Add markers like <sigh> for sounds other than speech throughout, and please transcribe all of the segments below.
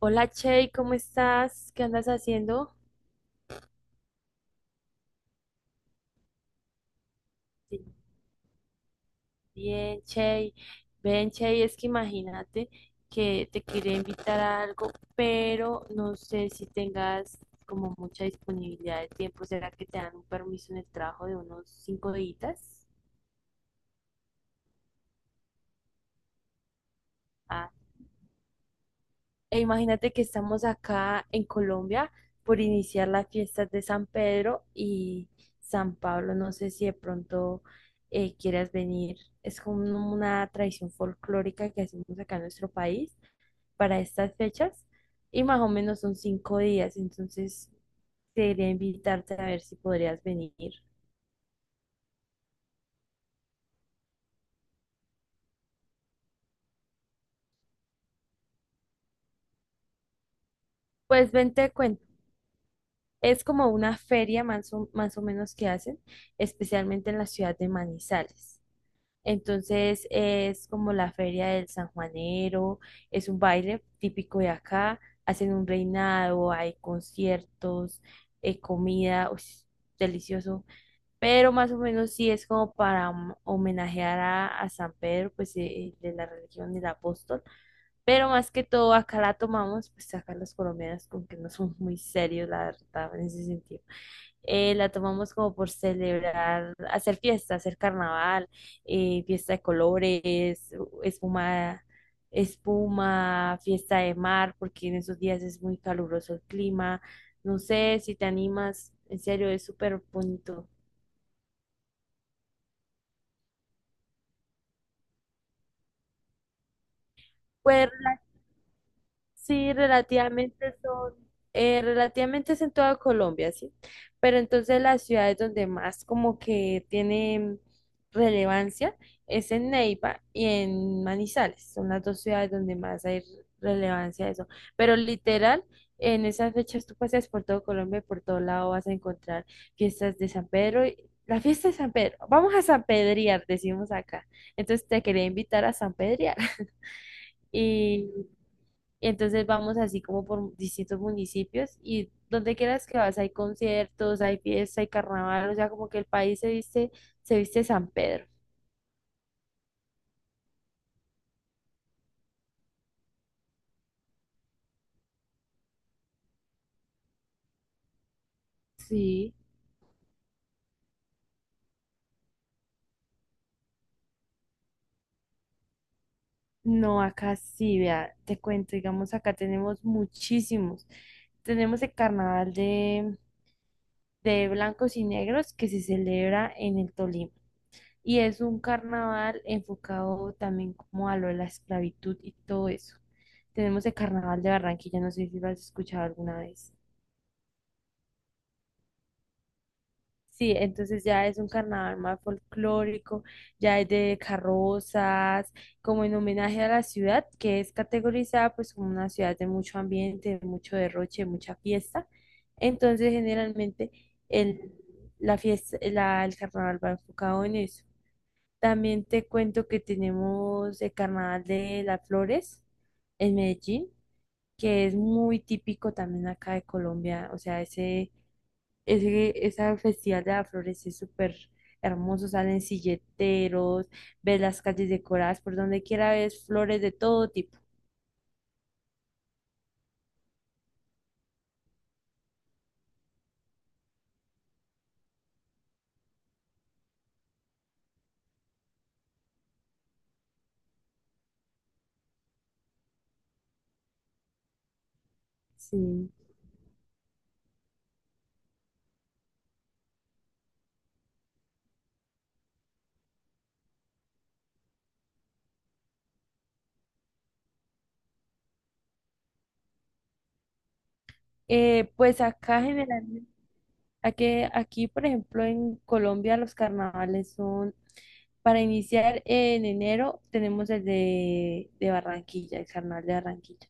Hola Chey, ¿cómo estás? ¿Qué andas haciendo? Bien, Chey, ven, Chey, es que imagínate que te quería invitar a algo, pero no sé si tengas como mucha disponibilidad de tiempo. ¿Será que te dan un permiso en el trabajo de unos cinco días? E imagínate que estamos acá en Colombia por iniciar las fiestas de San Pedro y San Pablo. No sé si de pronto quieras venir. Es como una tradición folclórica que hacemos acá en nuestro país para estas fechas y más o menos son cinco días. Entonces, quería invitarte a ver si podrías venir. Pues ven, te cuento. Es como una feria más o menos que hacen, especialmente en la ciudad de Manizales. Entonces es como la feria del San Juanero, es un baile típico de acá, hacen un reinado, hay conciertos, comida, uy, delicioso, pero más o menos sí es como para homenajear a San Pedro, pues de la religión del apóstol, pero más que todo acá la tomamos, pues acá los colombianos con que no son muy serios, la verdad, en ese sentido la tomamos como por celebrar, hacer fiesta, hacer carnaval, fiesta de colores, espuma, espuma, fiesta de mar, porque en esos días es muy caluroso el clima. No sé si te animas, en serio, es súper bonito. Puedes sí, relativamente son, relativamente es en toda Colombia, sí. Pero entonces las ciudades donde más como que tienen relevancia es en Neiva y en Manizales. Son las dos ciudades donde más hay relevancia de eso. Pero literal, en esas fechas tú paseas por todo Colombia y por todo lado vas a encontrar fiestas de San Pedro. La fiesta de San Pedro, vamos a San Pedriar, decimos acá. Entonces te quería invitar a San Pedriar. <laughs> Y entonces vamos así como por distintos municipios y donde quieras que vas, hay conciertos, hay fiesta, hay carnaval, o sea, como que el país se viste San Pedro. Sí. No, acá sí, vea, te cuento, digamos, acá tenemos muchísimos. Tenemos el carnaval de blancos y negros que se celebra en el Tolima. Y es un carnaval enfocado también como a lo de la esclavitud y todo eso. Tenemos el carnaval de Barranquilla, no sé si lo has escuchado alguna vez. Sí, entonces ya es un carnaval más folclórico, ya es de carrozas, como en homenaje a la ciudad, que es categorizada pues como una ciudad de mucho ambiente, de mucho derroche, de mucha fiesta. Entonces generalmente el, la fiesta, el carnaval va enfocado en eso. También te cuento que tenemos el carnaval de las flores en Medellín, que es muy típico también acá de Colombia, o sea, ese festival de las flores es súper hermoso, salen silleteros, ves las calles decoradas por donde quiera, ves flores de todo tipo. Sí. Pues acá generalmente, aquí por ejemplo en Colombia los carnavales son, para iniciar en enero tenemos el de Barranquilla, el carnaval de Barranquilla.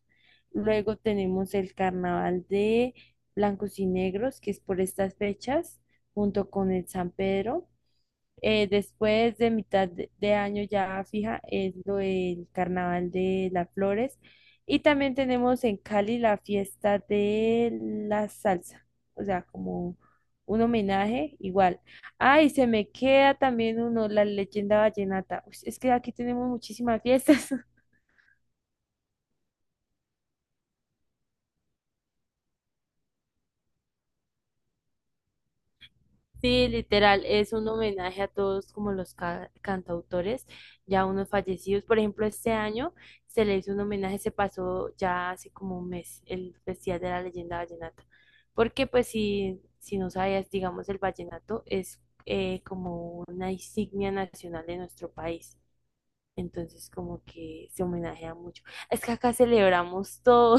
Luego tenemos el carnaval de Blancos y Negros, que es por estas fechas, junto con el San Pedro. Después de mitad de año ya fija es lo del Carnaval de las Flores. Y también tenemos en Cali la fiesta de la salsa, o sea, como un homenaje igual. Ah, y se me queda también uno, la leyenda vallenata. Uy, es que aquí tenemos muchísimas fiestas. <laughs> Sí, literal, es un homenaje a todos como los cantautores, ya unos fallecidos. Por ejemplo, este año se le hizo un homenaje, se pasó ya hace como un mes el Festival de la Leyenda Vallenata. Porque pues si no sabías, digamos, el vallenato es como una insignia nacional de nuestro país. Entonces como que se homenajea mucho. Es que acá celebramos todo.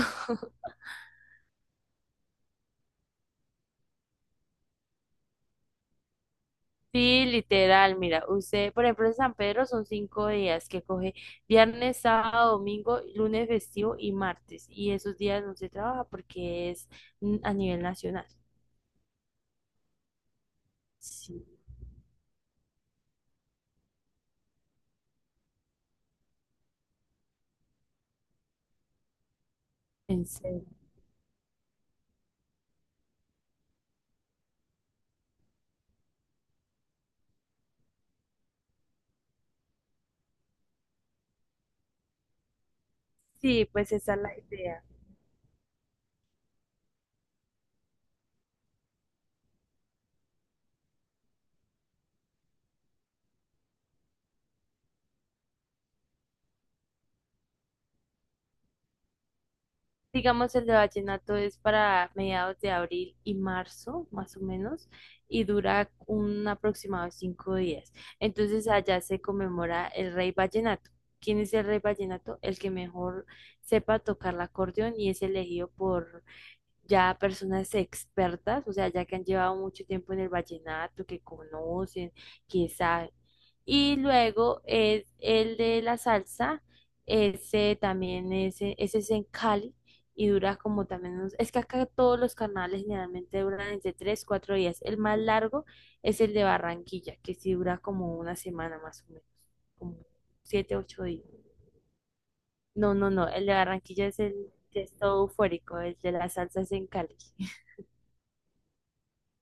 Sí, literal, mira, usted, por ejemplo, en San Pedro son cinco días que coge viernes, sábado, domingo, lunes festivo y martes. Y esos días no se trabaja porque es a nivel nacional. Sí, en serio. Sí, pues esa es la idea. Digamos, el de vallenato es para mediados de abril y marzo, más o menos, y dura un aproximado de cinco días. Entonces allá se conmemora el rey vallenato. ¿Quién es el rey vallenato? El que mejor sepa tocar el acordeón y es elegido por ya personas expertas, o sea, ya que han llevado mucho tiempo en el vallenato, que conocen, que saben. Y luego es el de la salsa, ese también es, ese es en Cali y dura como también unos, es que acá todos los carnavales generalmente duran entre 3, 4 días. El más largo es el de Barranquilla, que sí dura como una semana más o menos, como 7, 8 días. No, no, no, el de Barranquilla es el que es todo eufórico, el de la salsa es en Cali.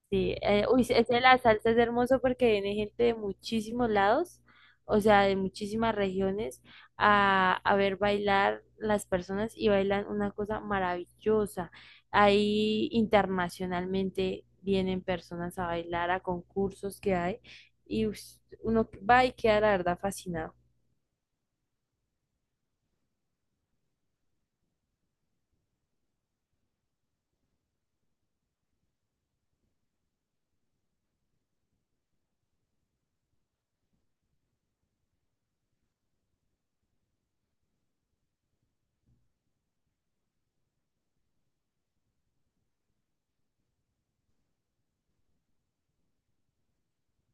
Sí, uy, ese de la salsa es hermoso porque viene gente de muchísimos lados, o sea, de muchísimas regiones, a ver bailar las personas y bailan una cosa maravillosa. Ahí internacionalmente vienen personas a bailar a concursos que hay y ush, uno va y queda la verdad fascinado.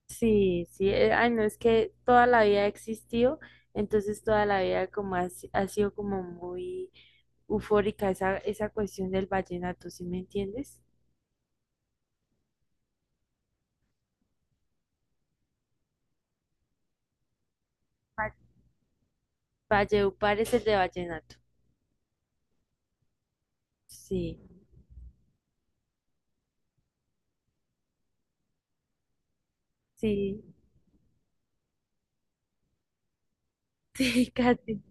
Sí, sí, ay, no, es que toda la vida ha existido, entonces toda la vida como ha, ha sido como muy eufórica esa cuestión del vallenato, ¿sí me entiendes? Valleupar es el de vallenato. Sí, sí, <laughs> sí, casi.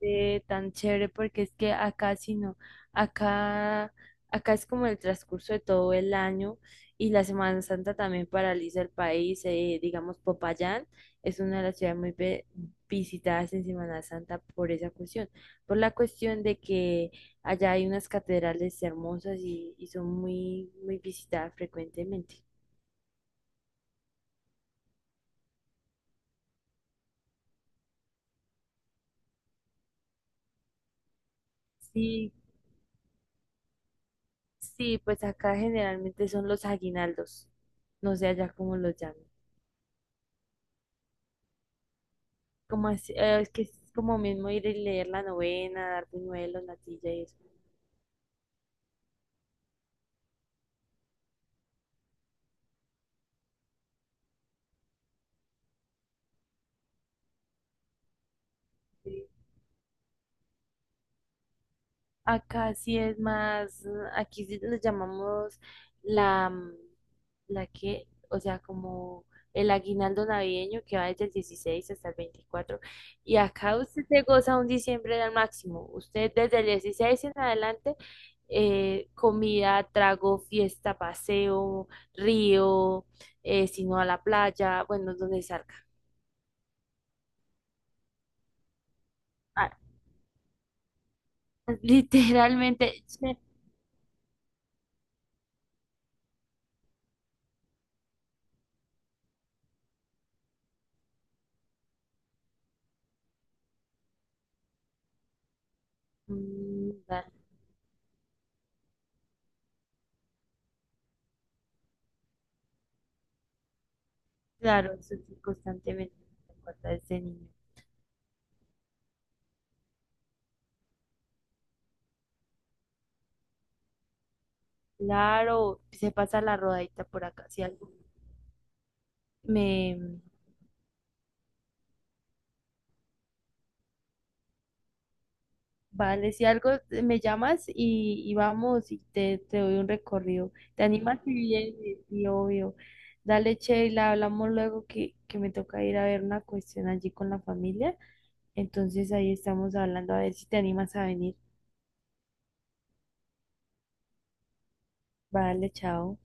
Tan chévere porque es que acá sí no, acá, acá es como el transcurso de todo el año y la Semana Santa también paraliza el país, digamos Popayán es una de las ciudades muy visitadas en Semana Santa por esa cuestión, por la cuestión de que allá hay unas catedrales hermosas y son muy, muy visitadas frecuentemente. Sí, sí, pues acá generalmente son los aguinaldos, no sé allá cómo los llaman. Como es que es como mismo ir y leer la novena, dar buñuelos, natilla y eso. Acá sí es más, aquí sí le llamamos la, la que, o sea, como el aguinaldo navideño que va desde el 16 hasta el 24. Y acá usted se goza un diciembre al máximo. Usted desde el 16 en adelante, comida, trago, fiesta, paseo, río, si no a la playa, bueno, donde salga. <laughs> Literalmente, se inunda. Claro, sufre constantemente en la cuarta de este niño. Claro, se pasa la rodadita por acá, si algo. Me, vale, si algo me llamas y vamos y te doy un recorrido. ¿Te animas? Sí, bien, sí, obvio. Dale, Sheila, hablamos luego que me toca ir a ver una cuestión allí con la familia. Entonces ahí estamos hablando a ver si te animas a venir. Vale, chao.